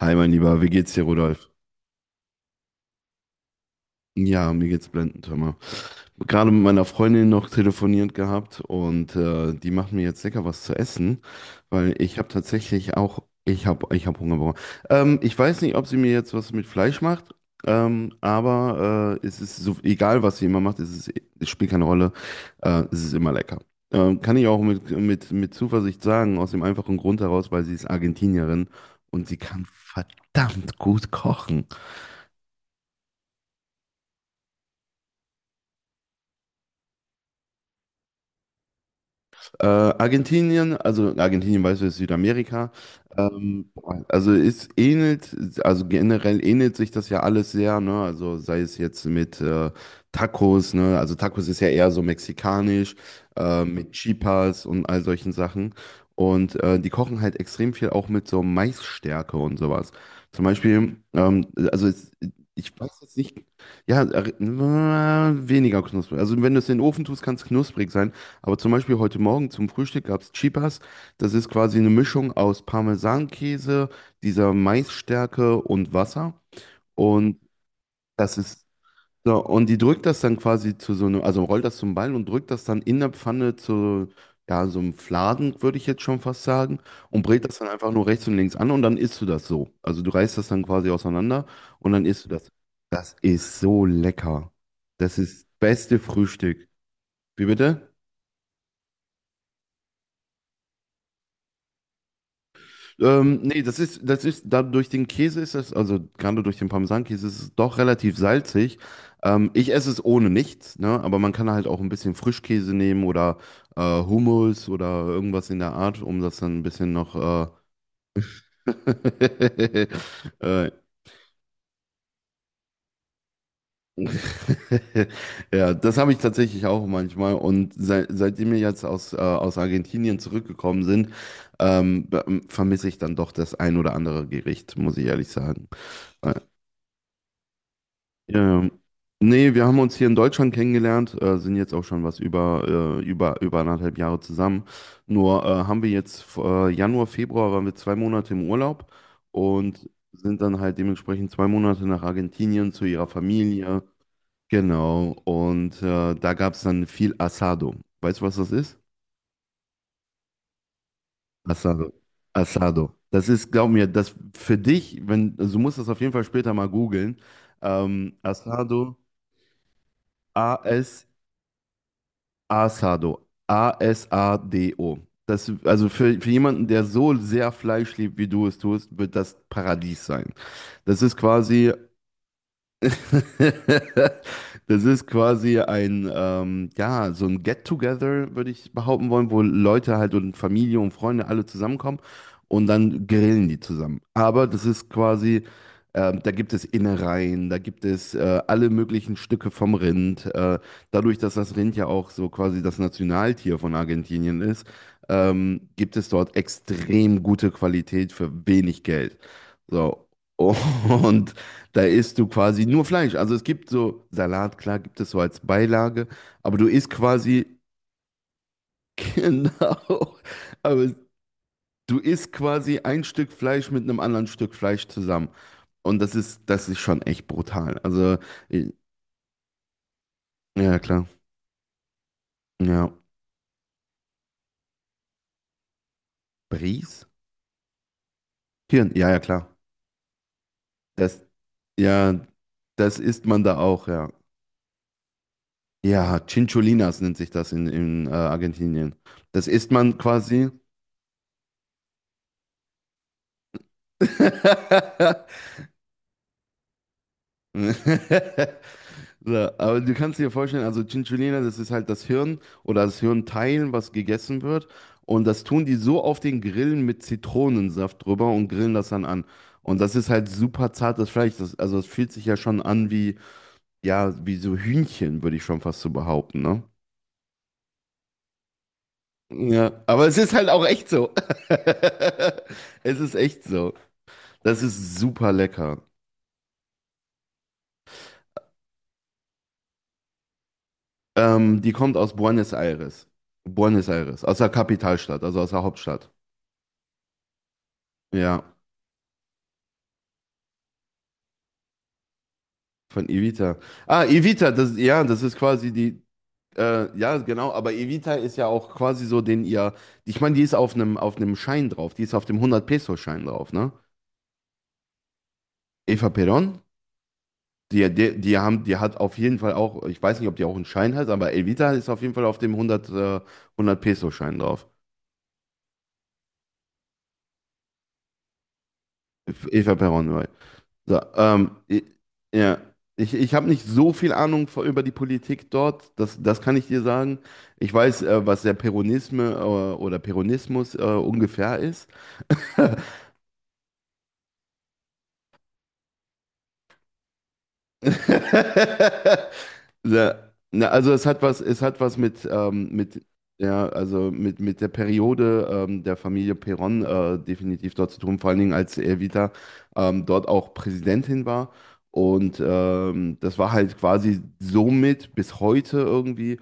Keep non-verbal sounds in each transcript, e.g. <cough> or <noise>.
Hi, mein Lieber, wie geht's dir, Rudolf? Ja, mir geht's blendend, hör mal. Gerade mit meiner Freundin noch telefoniert gehabt und die macht mir jetzt lecker was zu essen, weil ich habe tatsächlich auch, ich habe Hunger bekommen. Ich weiß nicht, ob sie mir jetzt was mit Fleisch macht, aber es ist so, egal, was sie immer macht, es ist, es spielt keine Rolle, es ist immer lecker. Kann ich auch mit Zuversicht sagen, aus dem einfachen Grund heraus, weil sie ist Argentinierin und sie kann verdammt gut kochen. Argentinien, also Argentinien, weißt du, ist Südamerika. Ähm, also es ähnelt, also generell ähnelt sich das ja alles sehr, ne? Also sei es jetzt mit Tacos, ne? Also Tacos ist ja eher so mexikanisch, mit Chipas und all solchen Sachen. Und die kochen halt extrem viel auch mit so Maisstärke und sowas. Zum Beispiel, also es, ich weiß jetzt nicht, ja, weniger knusprig. Also wenn du es in den Ofen tust, kann es knusprig sein. Aber zum Beispiel heute Morgen zum Frühstück gab es Chipas. Das ist quasi eine Mischung aus Parmesankäse, dieser Maisstärke und Wasser. Und das ist so, und die drückt das dann quasi zu so einem, also rollt das zum Ball und drückt das dann in der Pfanne zu, ja, so einem Fladen, würde ich jetzt schon fast sagen, und brät das dann einfach nur rechts und links an und dann isst du das so. Also du reißt das dann quasi auseinander und dann isst du das. Das ist so lecker. Das ist beste Frühstück. Wie bitte? Nee, das ist, da durch den Käse ist es, also gerade durch den Parmesankäse ist es doch relativ salzig. Ich esse es ohne nichts, ne? Aber man kann halt auch ein bisschen Frischkäse nehmen oder Hummus oder irgendwas in der Art, um das dann ein bisschen noch. <laughs> Äh, <laughs> ja, das habe ich tatsächlich auch manchmal. Und seit, seitdem wir jetzt aus, aus Argentinien zurückgekommen sind, vermisse ich dann doch das ein oder andere Gericht, muss ich ehrlich sagen. Äh, Ja, ja. Nee, wir haben uns hier in Deutschland kennengelernt, sind jetzt auch schon was über, über anderthalb Jahre zusammen. Nur haben wir jetzt Januar, Februar waren wir zwei Monate im Urlaub und sind dann halt dementsprechend zwei Monate nach Argentinien zu ihrer Familie. Genau, und da gab es dann viel Asado. Weißt du, was das ist? Asado. Asado. Das ist, glaub mir, das für dich, wenn, also du musst das auf jeden Fall später mal googeln. Asado. Asado. A-S-A-D-O. Das, also für jemanden, der so sehr Fleisch liebt, wie du es tust, wird das Paradies sein. Das ist quasi <laughs> das ist quasi ein, ja, so ein Get-Together, würde ich behaupten wollen, wo Leute halt und Familie und Freunde alle zusammenkommen und dann grillen die zusammen. Aber das ist quasi, da gibt es Innereien, da gibt es alle möglichen Stücke vom Rind. Dadurch, dass das Rind ja auch so quasi das Nationaltier von Argentinien ist, gibt es dort extrem gute Qualität für wenig Geld. So. <laughs> Und da isst du quasi nur Fleisch. Also es gibt so Salat, klar, gibt es so als Beilage, aber du isst quasi, <laughs> genau, aber du isst quasi ein Stück Fleisch mit einem anderen Stück Fleisch zusammen. Und das ist schon echt brutal. Also, i- ja, ja, klar. Ja. Bries? Hirn, ja, ja, klar. Das, ja, das isst man da auch, ja. Ja, Chincholinas nennt sich das in, in Argentinien. Das isst man quasi. <laughs> <laughs> So, aber du kannst dir vorstellen, also Chinchulina, das ist halt das Hirn oder das Hirnteil, was gegessen wird. Und das tun die so auf den Grillen mit Zitronensaft drüber und grillen das dann an. Und das ist halt super zartes Fleisch. Das, also es fühlt sich ja schon an wie, ja, wie so Hühnchen, würde ich schon fast so behaupten, ne? Ja, aber es ist halt auch echt so. <laughs> Es ist echt so. Das ist super lecker. Die kommt aus Buenos Aires. Buenos Aires, aus der Kapitalstadt, also aus der Hauptstadt. Ja, von Evita. Ah, Evita, das, ja, das ist quasi die, ja, genau, aber Evita ist ja auch quasi so den ihr, ich meine, die ist auf einem Schein drauf, die ist auf dem 100-Peso-Schein drauf, ne? Eva Perón, die haben, die hat auf jeden Fall auch, ich weiß nicht, ob die auch einen Schein hat, aber Evita ist auf jeden Fall auf dem 100, 100-Peso-Schein drauf. Eva Perón, right. So, ja, ich habe nicht so viel Ahnung vor, über die Politik dort, das, das kann ich dir sagen. Ich weiß, was der Peronisme oder Peronismus ungefähr ist. <laughs> <laughs> Na, na, also es hat was mit, ja, also mit der Periode der Familie Perón definitiv dort zu tun, vor allen Dingen als Evita dort auch Präsidentin war. Und das war halt quasi somit bis heute irgendwie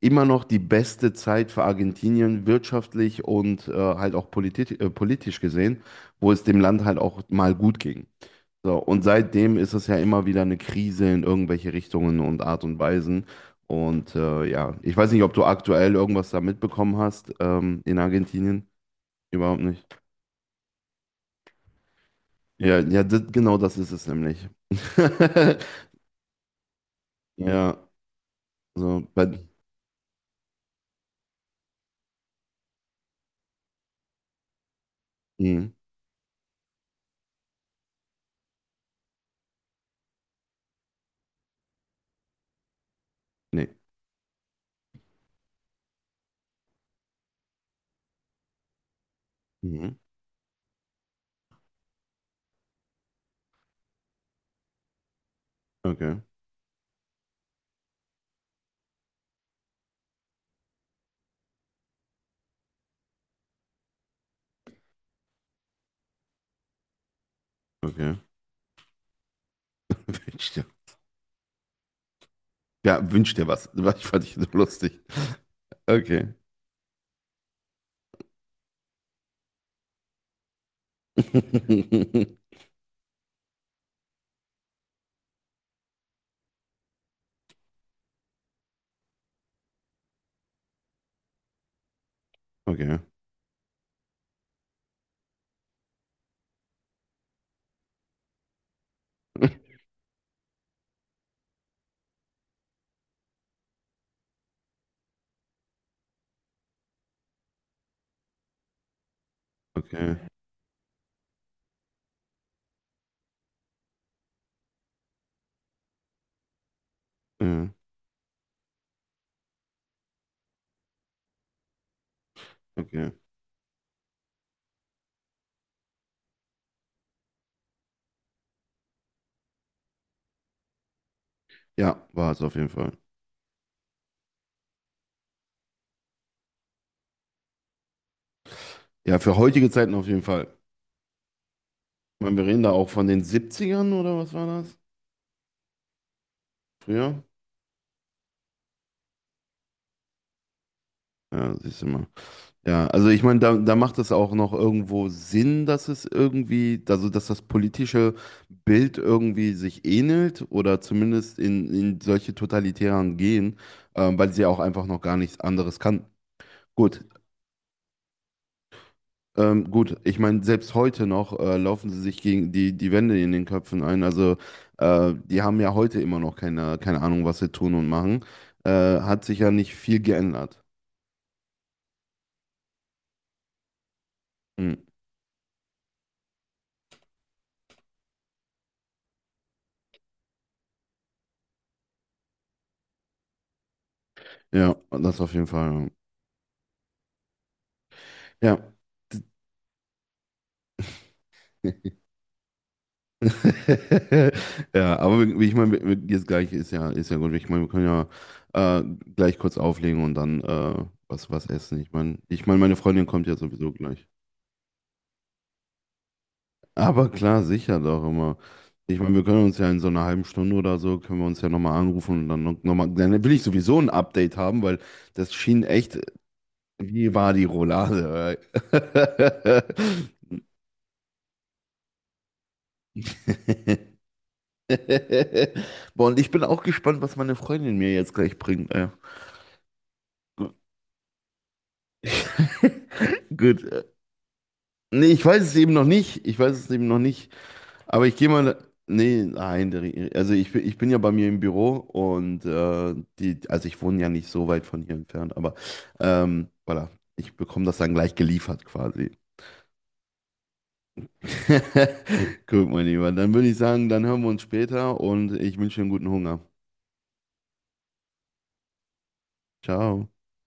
immer noch die beste Zeit für Argentinien wirtschaftlich und halt auch politisch gesehen, wo es dem Land halt auch mal gut ging. So, und seitdem ist es ja immer wieder eine Krise in irgendwelche Richtungen und Art und Weisen. Und ja, ich weiß nicht, ob du aktuell irgendwas da mitbekommen hast in Argentinien. Überhaupt nicht. Ja, ja, das, genau das ist es nämlich. <laughs> Ja, so, mhm, nee. Mhm, okay, okay. <laughs> Wünsch dir, ja, wünsch dir was. <laughs> Ich fand dich so lustig. Okay. <laughs> Okay. Okay. Ja, okay. Ja, war es auf jeden Fall. Ja, für heutige Zeiten auf jeden Fall. Ich meine, wir reden da auch von den Siebzigern oder was war das? Früher? Ja, siehst du mal. Ja, also ich meine, da, da macht es auch noch irgendwo Sinn, dass es irgendwie, also dass das politische Bild irgendwie sich ähnelt oder zumindest in, solche totalitären gehen, weil sie auch einfach noch gar nichts anderes kannten. Gut. Gut, ich meine, selbst heute noch laufen sie sich gegen die, Wände in den Köpfen ein. Also die haben ja heute immer noch keine Ahnung, was sie tun und machen. Äh, hat sich ja nicht viel geändert. Hm. Ja, das auf jeden Fall. Ja. Ja, <laughs> ja, aber wie ich meine, jetzt gleich ist ja gut. Ich meine, wir können ja gleich kurz auflegen und dann was essen. Ich meine, meine Freundin kommt ja sowieso gleich. Aber klar, sicher doch immer. Ich meine, wir können uns ja in so einer halben Stunde oder so, können wir uns ja nochmal anrufen und dann nochmal, dann will ich sowieso ein Update haben, weil das schien echt, wie war die Roulade? <laughs> Boah, und ich bin auch gespannt, was meine Freundin mir jetzt gleich bringt. Ja. Gut. Nee, ich weiß es eben noch nicht. Ich weiß es eben noch nicht. Aber ich gehe mal. Nee, nein, der also ich, ich bin ja bei mir im Büro und die, also ich wohne ja nicht so weit von hier entfernt, aber voilà, ich bekomme das dann gleich geliefert quasi. <laughs> Guck mal, lieber. Dann würde ich sagen, dann hören wir uns später und ich wünsche dir einen guten Hunger. Ciao.